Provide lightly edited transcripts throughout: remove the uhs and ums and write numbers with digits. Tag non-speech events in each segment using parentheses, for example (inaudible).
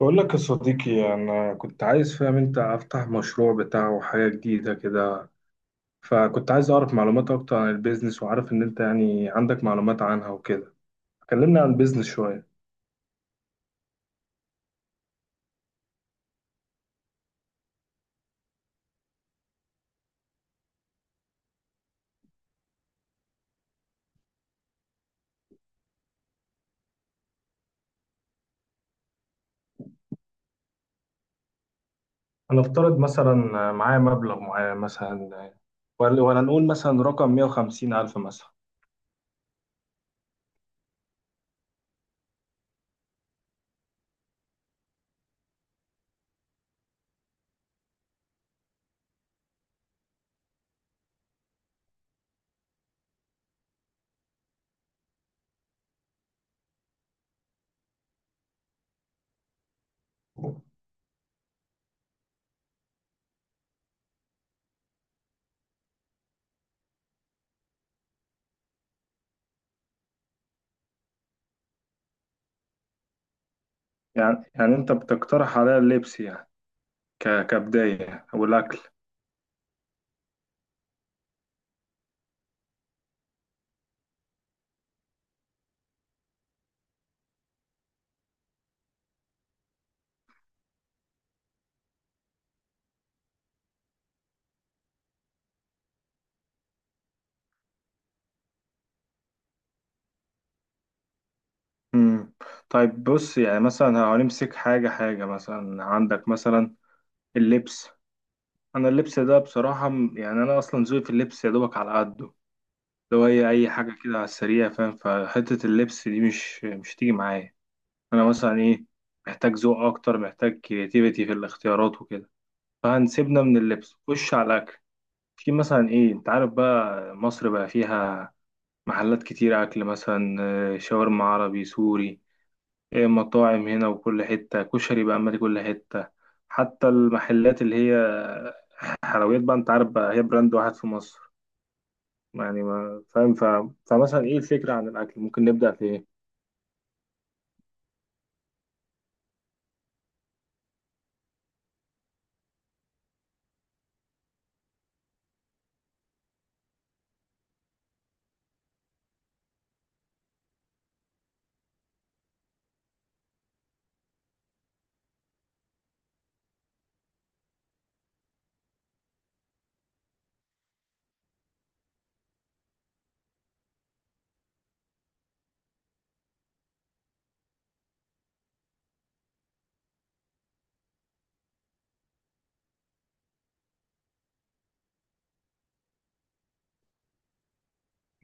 بقول لك يا صديقي، أنا كنت عايز فاهم أنت أفتح مشروع بتاعه حاجة جديدة كده. فكنت عايز أعرف معلومات أكتر عن البيزنس، وعارف إن أنت يعني عندك معلومات عنها وكده. كلمنا عن البيزنس شوية. هنفترض مثلا معايا مبلغ معين مثلا، ولا نقول مثلا رقم 150 ألف مثلا. يعني أنت بتقترح عليا اللبس يعني كبداية والأكل. امم طيب بص يعني مثلا هنمسك حاجة مثلا عندك مثلا اللبس. انا اللبس ده بصراحه يعني انا اصلا ذوقي في اللبس يا دوبك على قده. لو هي اي حاجه كده على السريع، فاهم؟ فحته اللبس دي مش تيجي معايا. انا مثلا ايه، محتاج ذوق اكتر، محتاج كرياتيفيتي في الاختيارات وكده. فهنسيبنا من اللبس، خش على الاكل. في مثلا ايه، انت عارف بقى مصر بقى فيها محلات كتير اكل مثلا، شاورما عربي سوري إيه، مطاعم هنا، وكل حته كشري بقى مالي كل حته. حتى المحلات اللي هي حلويات بقى، انت عارف بقى، هي براند واحد في مصر يعني، ما فاهم فمثلا ايه الفكرة عن الأكل؟ ممكن نبدأ في ايه؟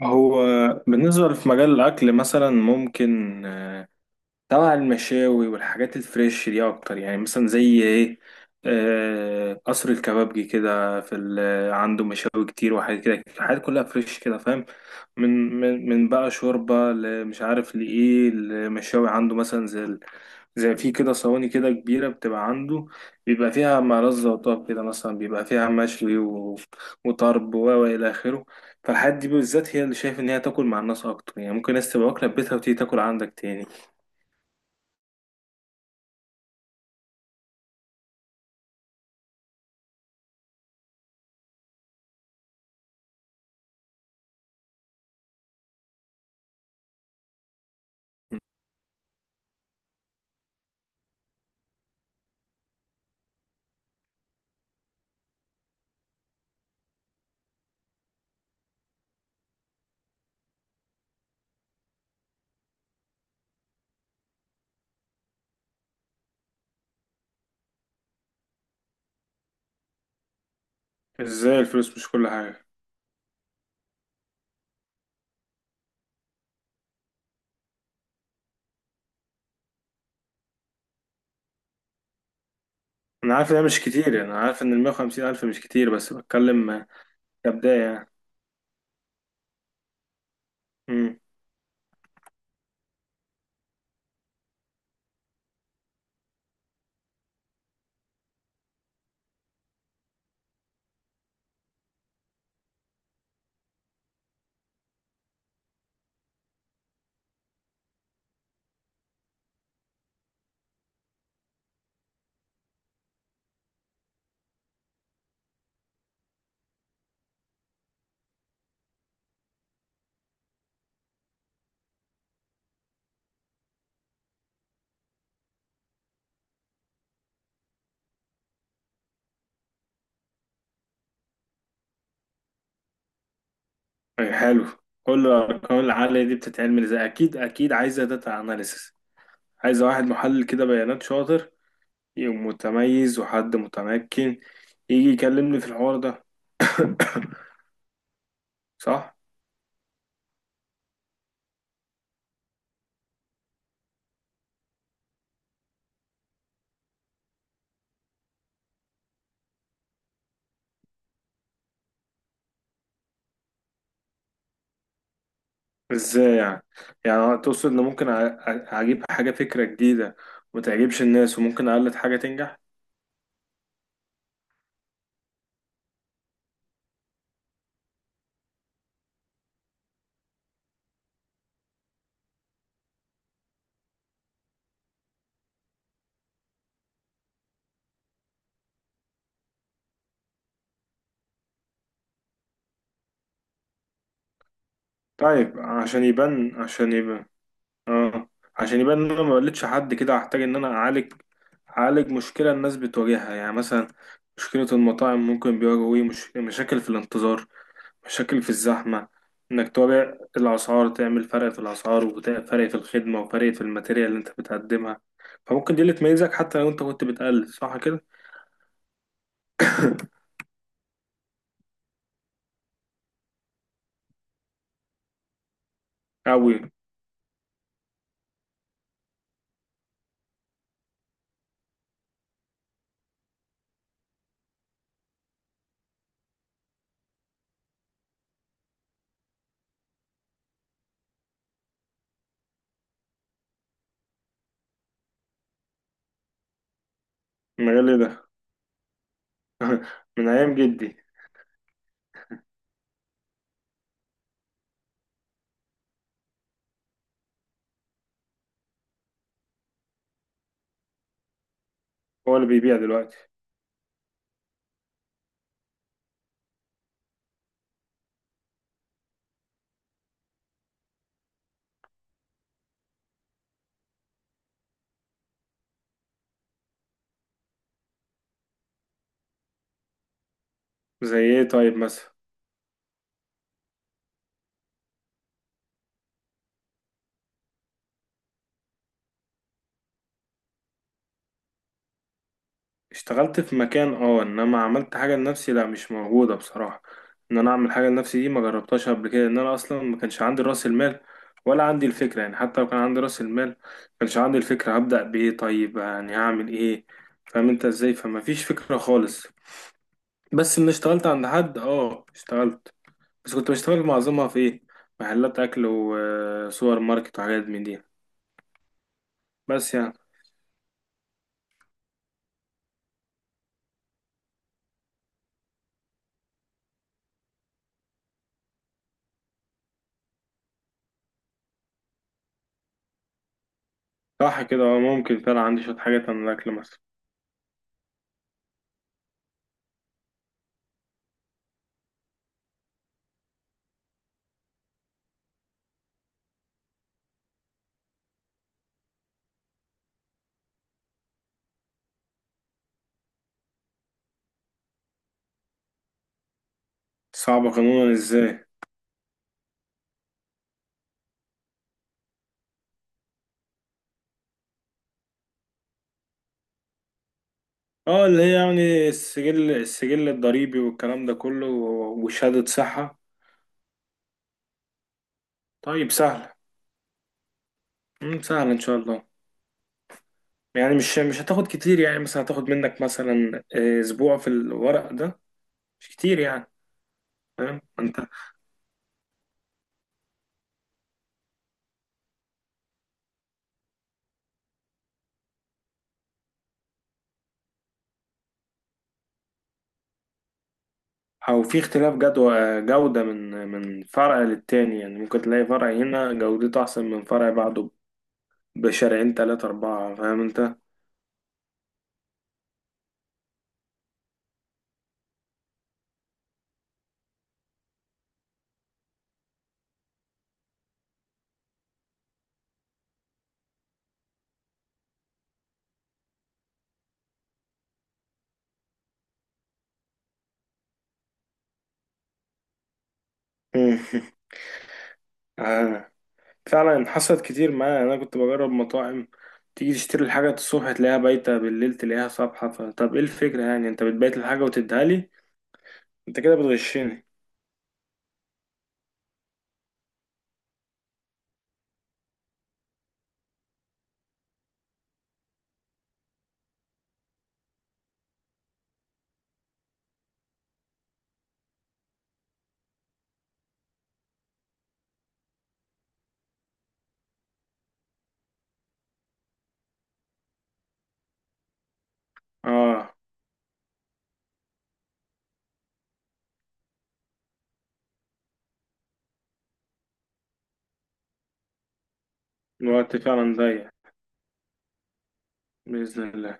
هو بالنسبة في مجال الأكل مثلا ممكن، طبعا المشاوي والحاجات الفريش دي اكتر، يعني مثلا زي ايه؟ قصر الكبابجي كده، عنده مشاوي كتير وحاجات كده، الحاجات كلها فريش كده، فاهم؟ من بقى شوربة، مش عارف لإيه. المشاوي عنده مثلا زي في كده صواني كده كبيرة بتبقى عنده، بيبقى فيها مع وطاب كده، مثلا بيبقى فيها وطرب و إلى آخره. فالحاجات دي بالذات هي اللي شايف إن هي تاكل مع الناس أكتر، يعني ممكن ناس تبقى واكلة في بيتها وتيجي تاكل عندك تاني. ازاي الفلوس مش كل حاجة؟ انا عارف انها مش كتير، يعني انا عارف ان المية وخمسين الف مش كتير، بس بتكلم كبداية يعني. امم. أي حلو. كل الارقام العالية دي بتتعمل ازاي؟ اكيد اكيد عايزة داتا اناليسس، عايزة واحد محلل كده بيانات شاطر، يبقى متميز وحد متمكن، يجي يكلمني في الحوار ده. (coughs) صح. ازاي يعني؟ يعني تقصد ان ممكن اجيب حاجة فكرة جديدة وتعجبش الناس، وممكن اقلد حاجة تنجح؟ طيب عشان يبان اه، عشان يبان ان انا ما قلتش حد كده، هحتاج ان انا اعالج مشكله الناس بتواجهها. يعني مثلا مشكله المطاعم، ممكن بيواجهوا ايه؟ مش... مشاكل في الانتظار، مشاكل في الزحمه. انك تواجه الاسعار، تعمل فرق في الاسعار وفرق في الخدمه وفرق في الماتيريال اللي انت بتقدمها. فممكن دي اللي تميزك، حتى لو انت كنت بتقلد صح كده. قوي. المجال إيه ده؟ (laughs) من ايام جدي. هو اللي بيبيع دلوقتي. زي ايه طيب مثلا؟ اشتغلت في مكان اه، انما عملت حاجه لنفسي، لا مش موجوده بصراحه. ان انا اعمل حاجه لنفسي دي ما جربتهاش قبل كده، ان انا اصلا ما كانش عندي راس المال ولا عندي الفكره. يعني حتى لو كان عندي راس المال، ما كانش عندي الفكره. هبدا بايه طيب؟ يعني هعمل ايه؟ فاهم انت ازاي؟ فما فيش فكره خالص. بس ان اشتغلت عند حد اه، اشتغلت. بس كنت بشتغل معظمها في ايه؟ محلات اكل وسوبر ماركت وحاجات من دي. بس يعني صح كده اه، ممكن فعلا عندي شويه حاجات عن الاكل مثلا. صعبه قانونا ازاي؟ اه اللي هي يعني السجل الضريبي والكلام ده كله وشهادة صحة. طيب سهلة. مم، سهلة ان شاء الله. يعني مش هتاخد كتير، يعني مثلا هتاخد منك مثلا اسبوع في الورق ده، مش كتير يعني. فاهم انت؟ او في اختلاف جدوى جودة من فرع للتاني، يعني ممكن تلاقي فرع هنا جودته احسن من فرع بعده بشرعين تلاتة اربعة، فاهم انت؟ (laughs) فعلا حصلت كتير معايا، انا كنت بجرب مطاعم. تيجي تشتري الحاجة الصبح، تلاقيها بايتة، بالليل تلاقيها صبحة. فطب ايه الفكرة يعني؟ انت بتبيت الحاجة وتديها لي، انت كده بتغشني. اه، الوقت فعلا ضيق. بإذن الله.